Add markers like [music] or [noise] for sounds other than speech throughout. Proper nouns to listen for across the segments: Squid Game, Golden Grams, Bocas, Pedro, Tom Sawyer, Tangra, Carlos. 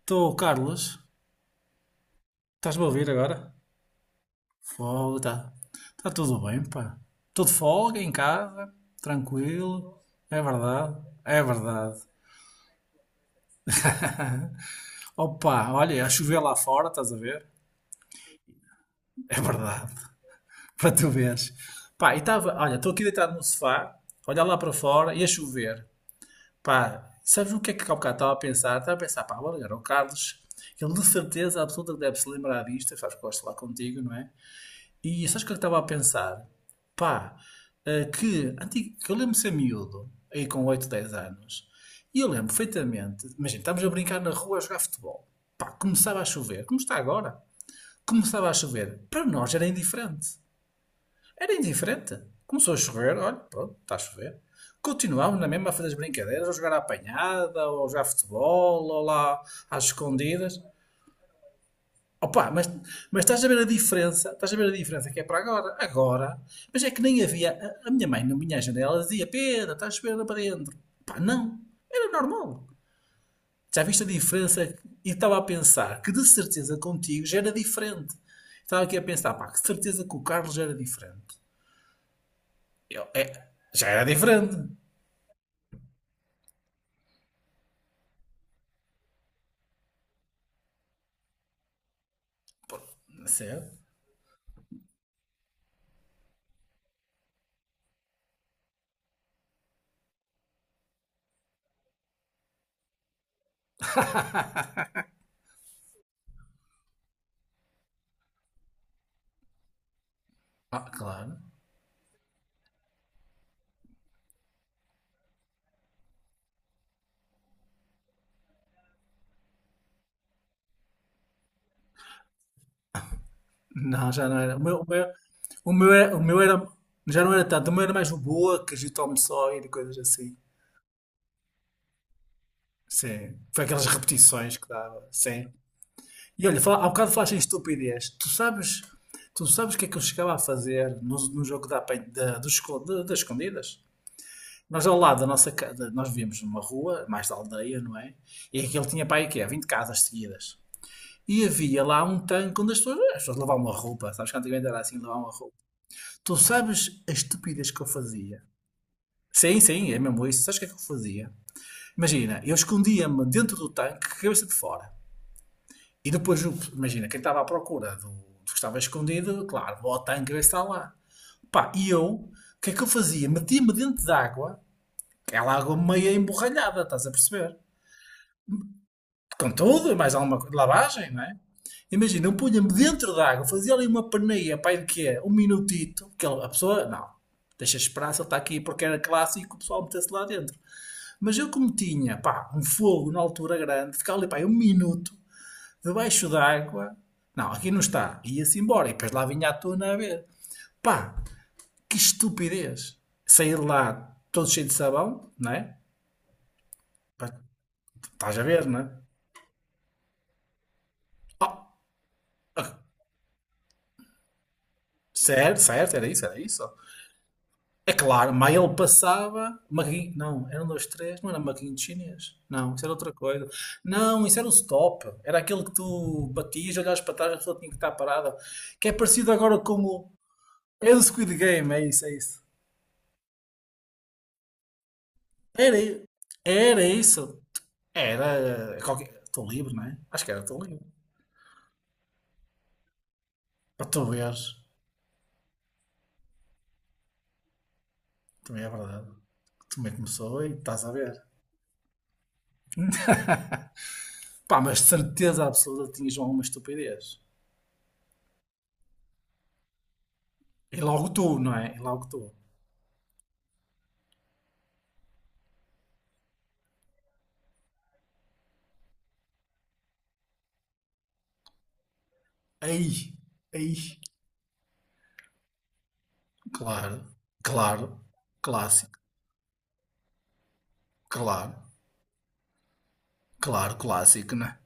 Estou, Carlos. Estás-me a ouvir agora? Fogo, tá. Tá tudo bem, pá. Tudo folga em casa, tranquilo. É verdade, é verdade. Opa, olha, a chover lá fora, estás a ver? É verdade, [laughs] para tu veres. Pá, olha, estou aqui deitado no sofá, olhar lá para fora e a chover. Pá, sabes o que é que há bocado estava a pensar? Estava a pensar, pá, vou ligar ao Carlos. Ele de certeza absoluta que deve se lembrar disto, sabes que gosto de falar contigo, não é? E sabes o que eu estava a pensar? Pá, que eu lembro de ser miúdo, aí com 8 10 anos, e eu lembro perfeitamente, imagina, estávamos a brincar na rua a jogar futebol. Pá, começava a chover, como está agora. Começava a chover. Para nós era indiferente. Era indiferente. Começou a chover, olha, pronto, está a chover. Continuámos na mesma a fazer as brincadeiras, ou jogar à apanhada, ou jogar futebol, ou lá às escondidas. Opa, mas estás a ver a diferença, estás a ver a diferença que é para agora, agora, mas é que nem havia, a minha mãe na minha janela dizia, Pedro, estás a chover lá para dentro. Pá, não, era normal. Já viste a diferença? E estava a pensar que de certeza contigo já era diferente. Estava aqui a pensar, pá, que de certeza que o Carlos já era diferente. Já era diferente, certo? Ah, claro. Não, já não era. O meu, o meu, o meu era- Já não era tanto, o meu era mais o Bocas e o Tom Sawyer e coisas assim. Sim, foi aquelas repetições que dava, sim. E olha, fala, há bocado falaste em estupidez. Tu sabes o que é que eu chegava a fazer no jogo da, apen- da, do esco- da- das escondidas? Nós ao lado da nossa casa, nós víamos uma rua, mais da aldeia, não é? E aquele tinha para aí que é 20 casas seguidas. E havia lá um tanque onde as pessoas lavavam uma roupa, sabes que antigamente era assim, lavavam uma roupa. Tu sabes a estupidez que eu fazia? Sim, sim, é mesmo isso. Sabes o que é que eu fazia? Imagina, eu escondia-me dentro do tanque, cabeça de fora. E depois, imagina, quem estava à procura do que estava escondido, claro, o Tangra está lá. Pá, e eu, o que é que eu fazia? Metia-me dentro de água, aquela água meio emborralhada, estás a perceber? Com tudo, e mais alguma coisa, lavagem, não é? Imagina, eu punha-me dentro de água, fazia ali uma paneia, pá, de quê? Um minutito, a pessoa, não, deixa esperar, se ele está aqui porque era clássico, o pessoal metesse lá dentro. Mas eu como tinha, pá, um fogo na altura grande, ficava ali, pá, 1 minuto, debaixo d'água. Não, aqui não está. Ia-se embora. E depois lá vinha a tona a ver. Pá, que estupidez. Sair lá todo cheio de sabão, não é? Pá, estás a ver, não é? Oh, certo, certo, era isso, era isso. É claro, mas ele passava. Maquin... Não, era um, dois, três. Não era maquinho de chinês. Não, isso era outra coisa. Não, isso era o stop. Era aquele que tu batias, olhavas para trás, a pessoa tinha que estar parada. Que é parecido agora com o. É do Squid Game, é isso, é isso. Era, i- era isso. Era. Qualquer... Estou livre, não é? Acho que era Estou livre. Para tu veres. Também é verdade. Também começou e estás a ver. Pá, mas de certeza absoluta tinhas alguma estupidez. E logo tu, não é? E logo tu. Aí. Aí. Claro. Claro. Clássico. Claro. Claro, clássico, não é?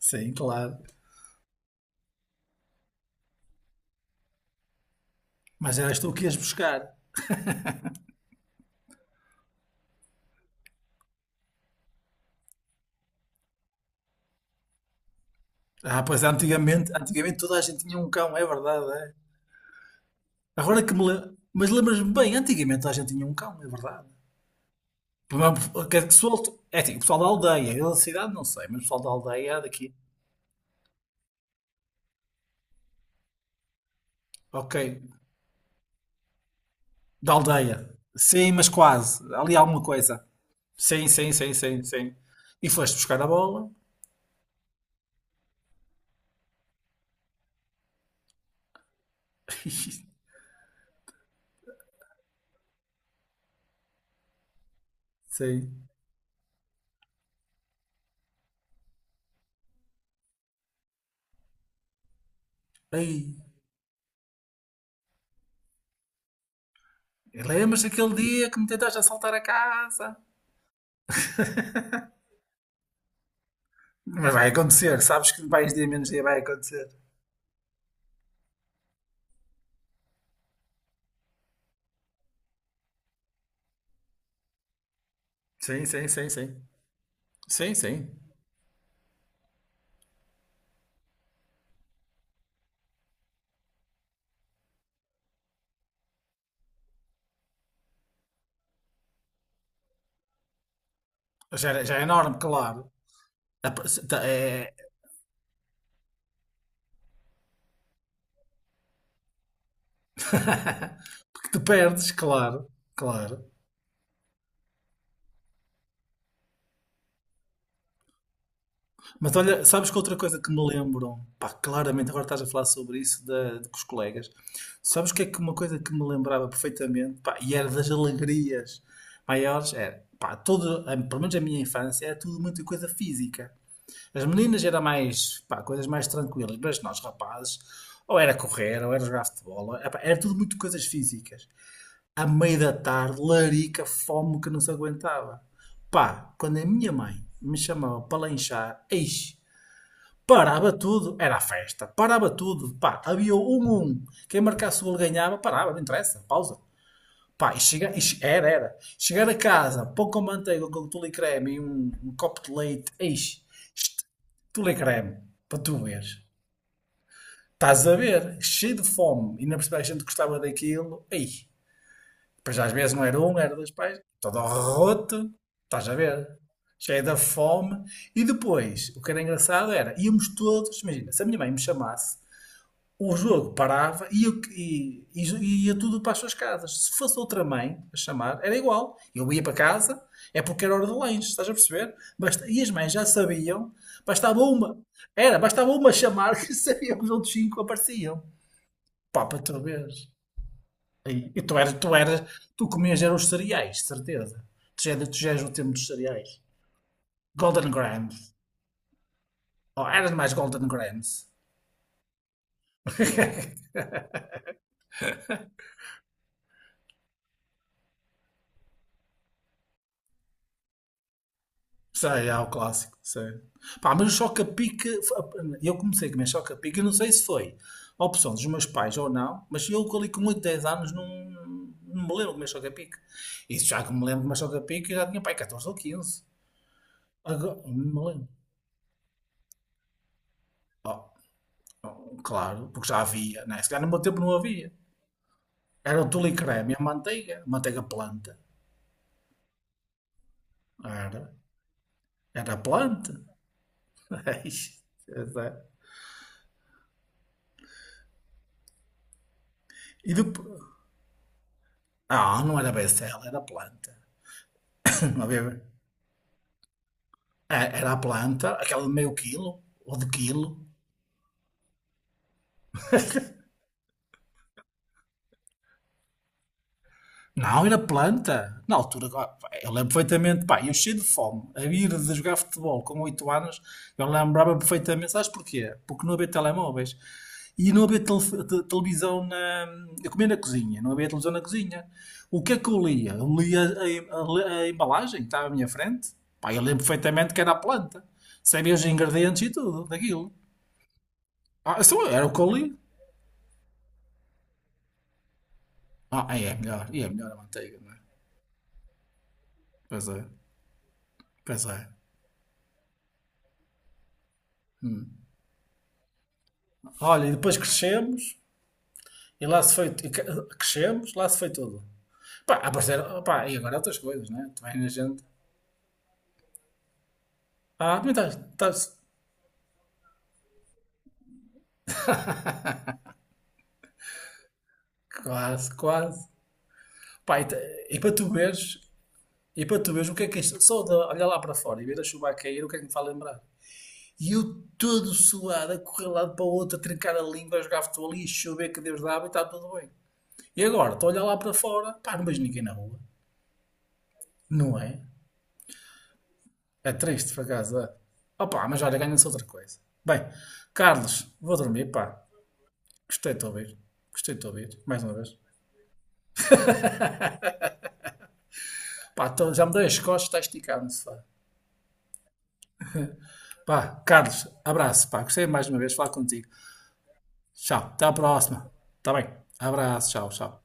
Sim, claro. Mas eras tu que ias buscar. Ah, pois é, antigamente, antigamente toda a gente tinha um cão, é verdade, é? Agora que me lembro. Mas lembras-me bem, antigamente toda a gente tinha um cão, é verdade. Que solte. É assim, o pessoal da aldeia, eu da cidade não sei, mas o pessoal da aldeia é daqui. Ok, da aldeia. Sim, mas quase. Ali há alguma coisa. Sim, sim, sim, sim, sim. E foste buscar a bola? Sim. Ei, lembras daquele dia que me tentaste assaltar a casa? Mas vai acontecer, sabes que mais dia menos dia vai acontecer. Sim, sim, sim, sim. Sim, sim. Já é enorme, claro. É, é- que te perdes, claro, claro. Mas olha, sabes que outra coisa que me lembro, pá, claramente agora estás a falar sobre isso com os colegas, sabes que é que uma coisa que me lembrava perfeitamente, pá, e era das alegrias maiores, era, pá, todo, pelo menos a minha infância, era tudo muita coisa física. As meninas era mais, pá, coisas mais tranquilas, mas nós rapazes, ou era correr, ou era jogar futebol, pá, era tudo muito coisas físicas. À meia da tarde, larica, fome que não se aguentava. Pá, quando a minha mãe me chamava para lanchar, eis parava tudo, era a festa, parava tudo, pá, havia um, quem marcasse o gol ganhava, parava, não interessa, pausa. Pá, e chega, e era, era. Chegar a casa, pão com manteiga, com tule e creme e um copo de leite, eis, isto, tule e creme, para tu veres. Estás a ver, cheio de fome, e na percebes a gente gostava daquilo, ei, pois às vezes não era um, era dois pais, todo roto, estás a ver, cheio da fome. E depois, o que era engraçado era, íamos todos, imagina, se a minha mãe me chamasse, o jogo parava e ia tudo para as suas casas. Se fosse outra mãe a chamar, era igual. Eu ia para casa, é porque era hora do lanche, estás a perceber? E as mães já sabiam, bastava uma, era, bastava uma chamar [laughs] que sabiam que os outros cinco apareciam. Pá, para tu veres. E, e tu eras, tu eras, tu comias eram os cereais, de certeza. Tu já és o tempo dos cereais. Golden Grams. Oh, eras mais Golden Grams. Sei, há o clássico, sei. Pá, mas o choca-pique, eu comecei a comer choca-pique, eu não sei se foi a opção dos meus pais ou não, mas eu ali com 8, 10 anos não me lembro de comer choca-pique. Isso já que me lembro de comer choca-pique, eu já tinha pai 14 ou 15 Agora, não me lembro. Oh, oh, claro, porque já havia, né? Se calhar no meu tempo não havia. Era o tule e creme, e a manteiga, manteiga planta. Era, era planta. [laughs] Ixi, é sério. E depois, ah, não era becel, era planta. [laughs] Não havia... É, era a planta, aquela de meio quilo ou de quilo. Não, era planta. Na altura, pá, eu lembro perfeitamente, pá, eu cheio de fome, a ir de jogar futebol com 8 anos, eu lembrava perfeitamente, sabes porquê? Porque não havia telemóveis. E não havia televisão na. Eu comia na cozinha, não havia televisão na cozinha. O que é que eu lia? Eu lia a, em- a le- a embalagem que estava à minha frente. Pá, eu lembro perfeitamente que era a planta. Sabia os ingredientes e tudo daquilo. Ah, isso era o que eu li. Ah, aí é melhor. E é melhor a manteiga, não é? Pois é. Pois é. Olha, e depois crescemos e lá se foi. Crescemos, lá se foi tudo. Pá, apareceram. Pá, e agora outras coisas, né? Tu vais na gente. Ah, também estás. Estás quase, quase. Pá, e para tu veres. E para tu veres o que é isto. Só de olhar lá para fora e ver a chuva a cair, o que é que me faz lembrar? E eu todo suado, a correr de um lado para o outro, a trincar a língua, a jogar futebol ali, a chover que Deus dava e está tudo bem. E agora, estou a olhar lá para fora, pá, não vejo ninguém na rua, não é? É triste, por acaso. É. Opa, mas olha, ganha-se outra coisa. Bem, Carlos, vou dormir, pá. Gostei de te ouvir. Gostei de te ouvir, mais uma vez. Pá, já me dei as costas, está esticado no sofá. Pá, Carlos, abraço, pá. Gostei mais uma vez de falar contigo. Tchau, até à próxima. Está bem? Abraço, tchau, tchau.